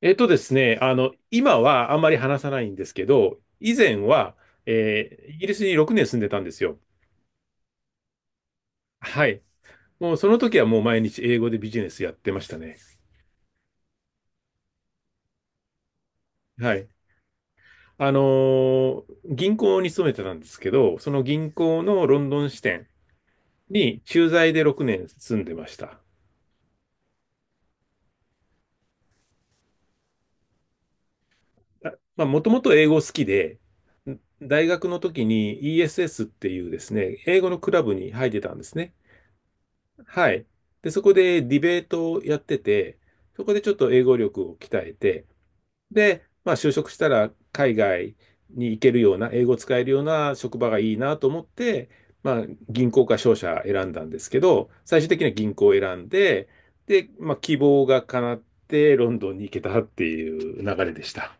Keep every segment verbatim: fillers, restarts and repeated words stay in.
えっとですね、あの、今はあんまり話さないんですけど、以前は、えーイギリスにろくねん住んでたんですよ。はい。もうその時はもう毎日英語でビジネスやってましたね。はい。あのー銀行に勤めてたんですけど、その銀行のロンドン支店に駐在でろくねん住んでました。あまあ、もともと英語好きで、ん大学の時に イーエスエス っていうですね、英語のクラブに入ってたんですね。はい。で、そこでディベートをやってて、そこでちょっと英語力を鍛えて、で、まあ就職したら海外に行けるような、英語使えるような職場がいいなと思って、まあ銀行か商社選んだんですけど、最終的には銀行を選んで、で、まあ希望が叶ってロンドンに行けたっていう流れでした。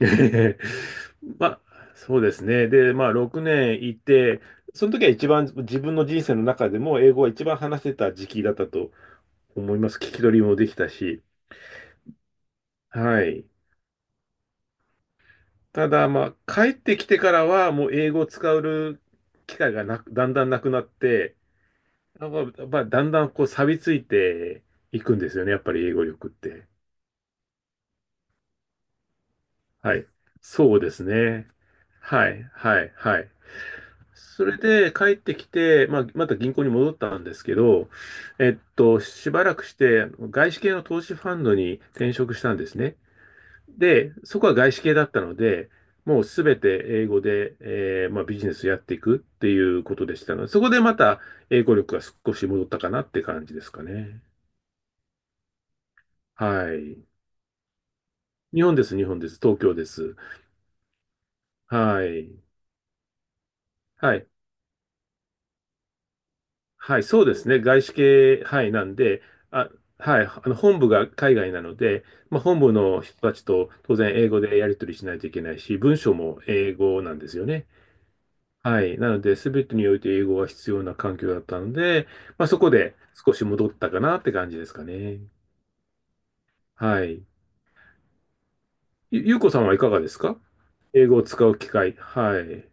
ええまあ、そうですね。で、まあ、ろくねんいて、その時は一番自分の人生の中でも英語が一番話せた時期だったと思います。聞き取りもできたし。はい。ただ、まあ、帰ってきてからはもう英語を使う機会がなく、だんだんなくなって、なんか、まあ、だんだんこう錆びついていくんですよね。やっぱり英語力って。はい。そうですね。はい、はい、はい。それで帰ってきて、まあ、また銀行に戻ったんですけど、えっと、しばらくして、外資系の投資ファンドに転職したんですね。で、そこは外資系だったので、もうすべて英語で、えーまあ、ビジネスやっていくっていうことでしたので、そこでまた英語力が少し戻ったかなって感じですかね。はい。日本です、日本です。東京です。はい。はい。はい、そうですね。外資系、はい、なんで、あ、はい、あの本部が海外なので、まあ、本部の人たちと当然英語でやり取りしないといけないし、文章も英語なんですよね。はい。なので、すべてにおいて英語が必要な環境だったので、まあ、そこで少し戻ったかなって感じですかね。はい。ゆ、ゆうこさんはいかがですか？英語を使う機会。はい。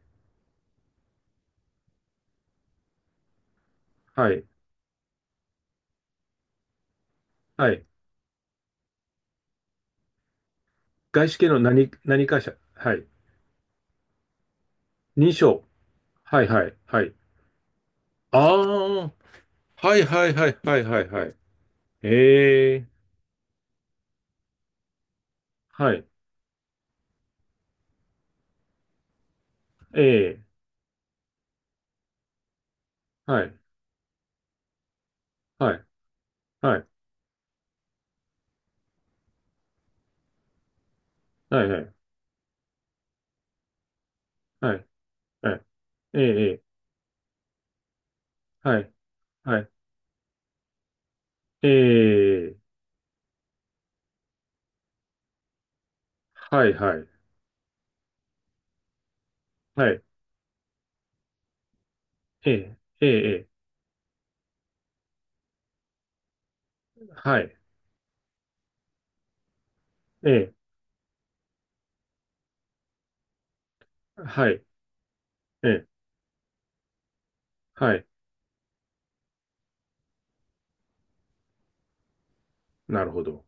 はい。はい。外資系の何、何会社？はい。認証。はい、はい、はい。ああ、はいはいはいはいはいはい。ええ、はい、ええ、はい、はい、はい、はい、はい、はい、はい、ええ、はい、はい、ええ、はい、はい、はい、ええ、ええ、はい、ええ、はい、ええ、はい、なるほど。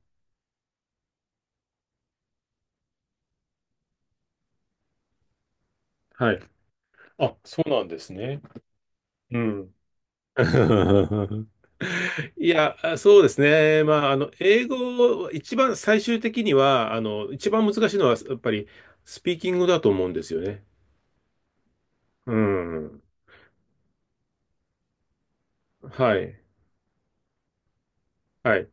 はい。あ、そうなんですね。うん。いや、そうですね。まあ、あの、英語、一番最終的には、あの、一番難しいのは、やっぱり、スピーキングだと思うんですよね。うん。はい。はい。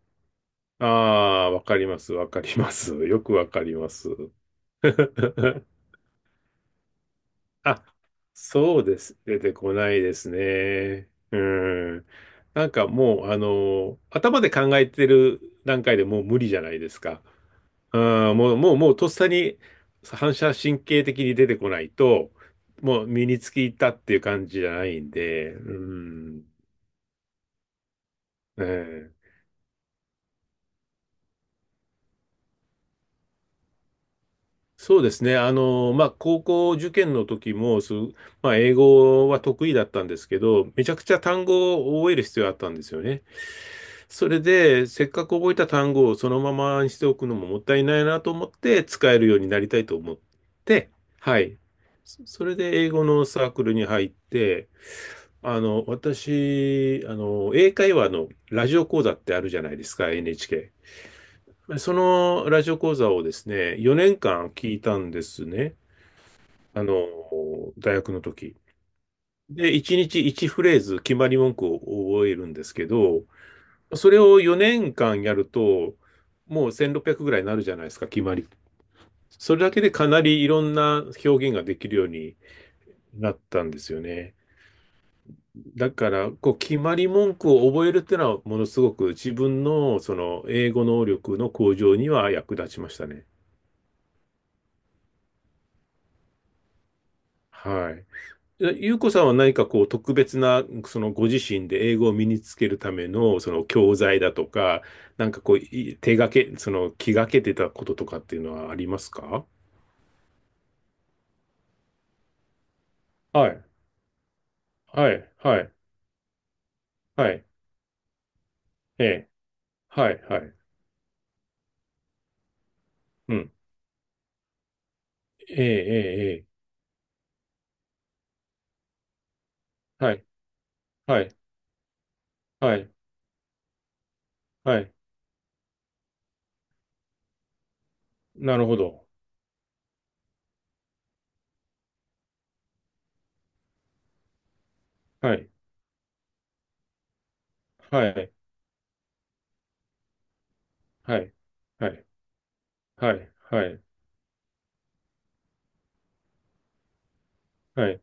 ああ、わかります。わかります。よくわかります。あ、そうです。出てこないですね。うん。なんかもう、あの、頭で考えてる段階でもう無理じゃないですか。うん、もう、もう、もう、とっさに反射神経的に出てこないと、もう身につきいったっていう感じじゃないんで、うん。ねえそうですね。あの、まあ、高校受験の時も、す、まあ、英語は得意だったんですけど、めちゃくちゃ単語を覚える必要があったんですよね。それで、せっかく覚えた単語をそのままにしておくのももったいないなと思って、使えるようになりたいと思って、はい。そそれで、英語のサークルに入って、あの、私、あの、英会話のラジオ講座ってあるじゃないですか、エヌエイチケー。そのラジオ講座をですね、よねんかん聞いたんですね。あの、大学の時。で、いちにちいちフレーズ決まり文句を覚えるんですけど、それをよねんかんやると、もうせんろっぴゃくぐらいになるじゃないですか、決まり。それだけでかなりいろんな表現ができるようになったんですよね。だから、こう、決まり文句を覚えるっていうのは、ものすごく自分のその英語能力の向上には役立ちましたね。はい。ゆうこさんは何かこう特別な、そのご自身で英語を身につけるための、その教材だとか、なんかこう、い手がけ、その気がけてたこととかっていうのはありますか？はい、はい、はい、はい、ええ、はい、はい、うん、ええ、ええ、ええ、はい、はい、はい、はい、なるほど。はい、はい、はい、はい、はい、はい、はい、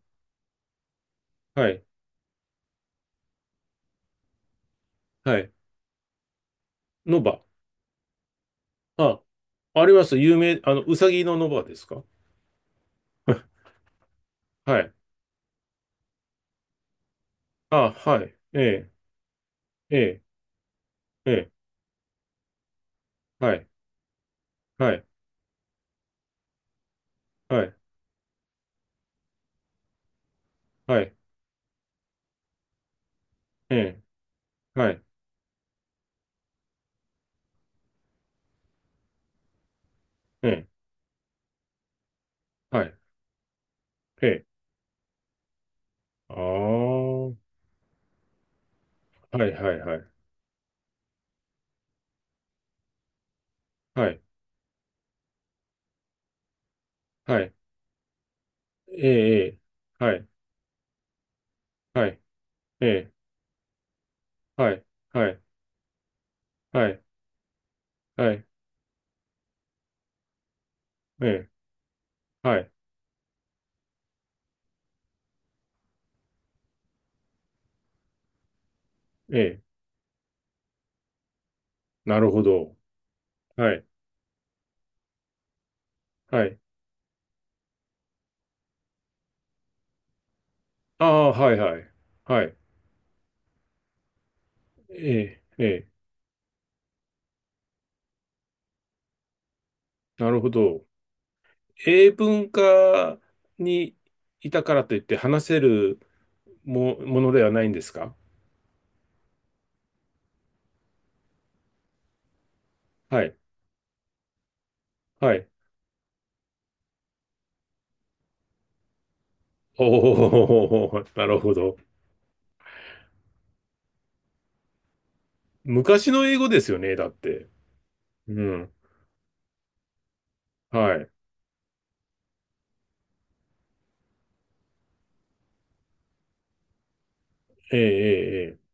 はい、はい、ノバ。あ、あります。有名、あの、うさぎのノバですか？ はいあ、はい。ええ、ええ、ええ、はい、はい、はい、はい、ええ、はい、ええ、はい、ええ、ああ、はい、はい、はい、はい、はい、ええ、ええはい、はい、ええ、はい、はい、はい、はい、ええ、はい、ええ、なるほど。はい、はい、ああ、はい、はい、はい、ええ、ええ、なるほど。英文科にいたからといって話せるも、ものではないんですか？はいはい。おーなるほど。昔の英語ですよね、だって。うん。はい。ええ、ええ、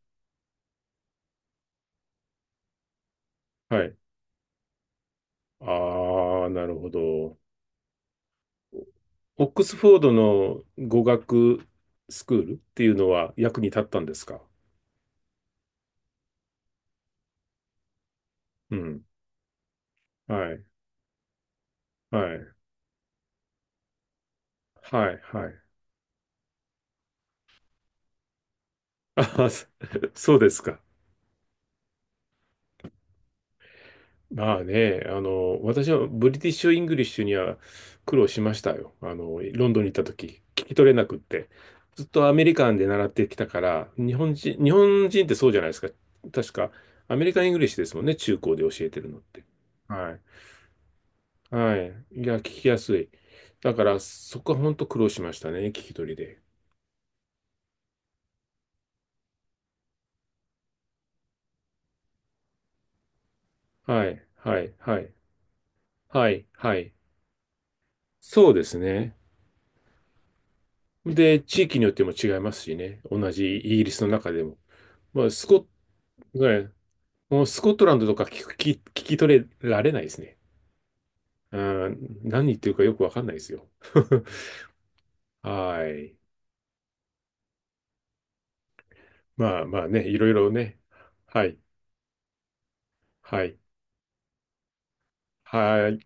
ええはい。ああ、なるほど。オックスフォードの語学スクールっていうのは役に立ったんですか？うん。はい。はい。はい。はい。あー、そ そうですか。まあね、あの、私はブリティッシュ・イングリッシュには苦労しましたよ。あの、ロンドンに行った時、聞き取れなくって。ずっとアメリカンで習ってきたから、日本人、日本人ってそうじゃないですか。確か、アメリカン・イングリッシュですもんね、中高で教えてるのって。はい。はい。いや、聞きやすい。だから、そこは本当苦労しましたね、聞き取りで。はい、はい、はい、はい、はい。そうですね。で、地域によっても違いますしね。同じイギリスの中でも。まあ、スコッぐらい、もうスコットランドとか聞く、聞き聞き取れられないですね。うん、何言ってるかよくわかんないですよ。はい。まあまあね、いろいろね。はい。はい。はい。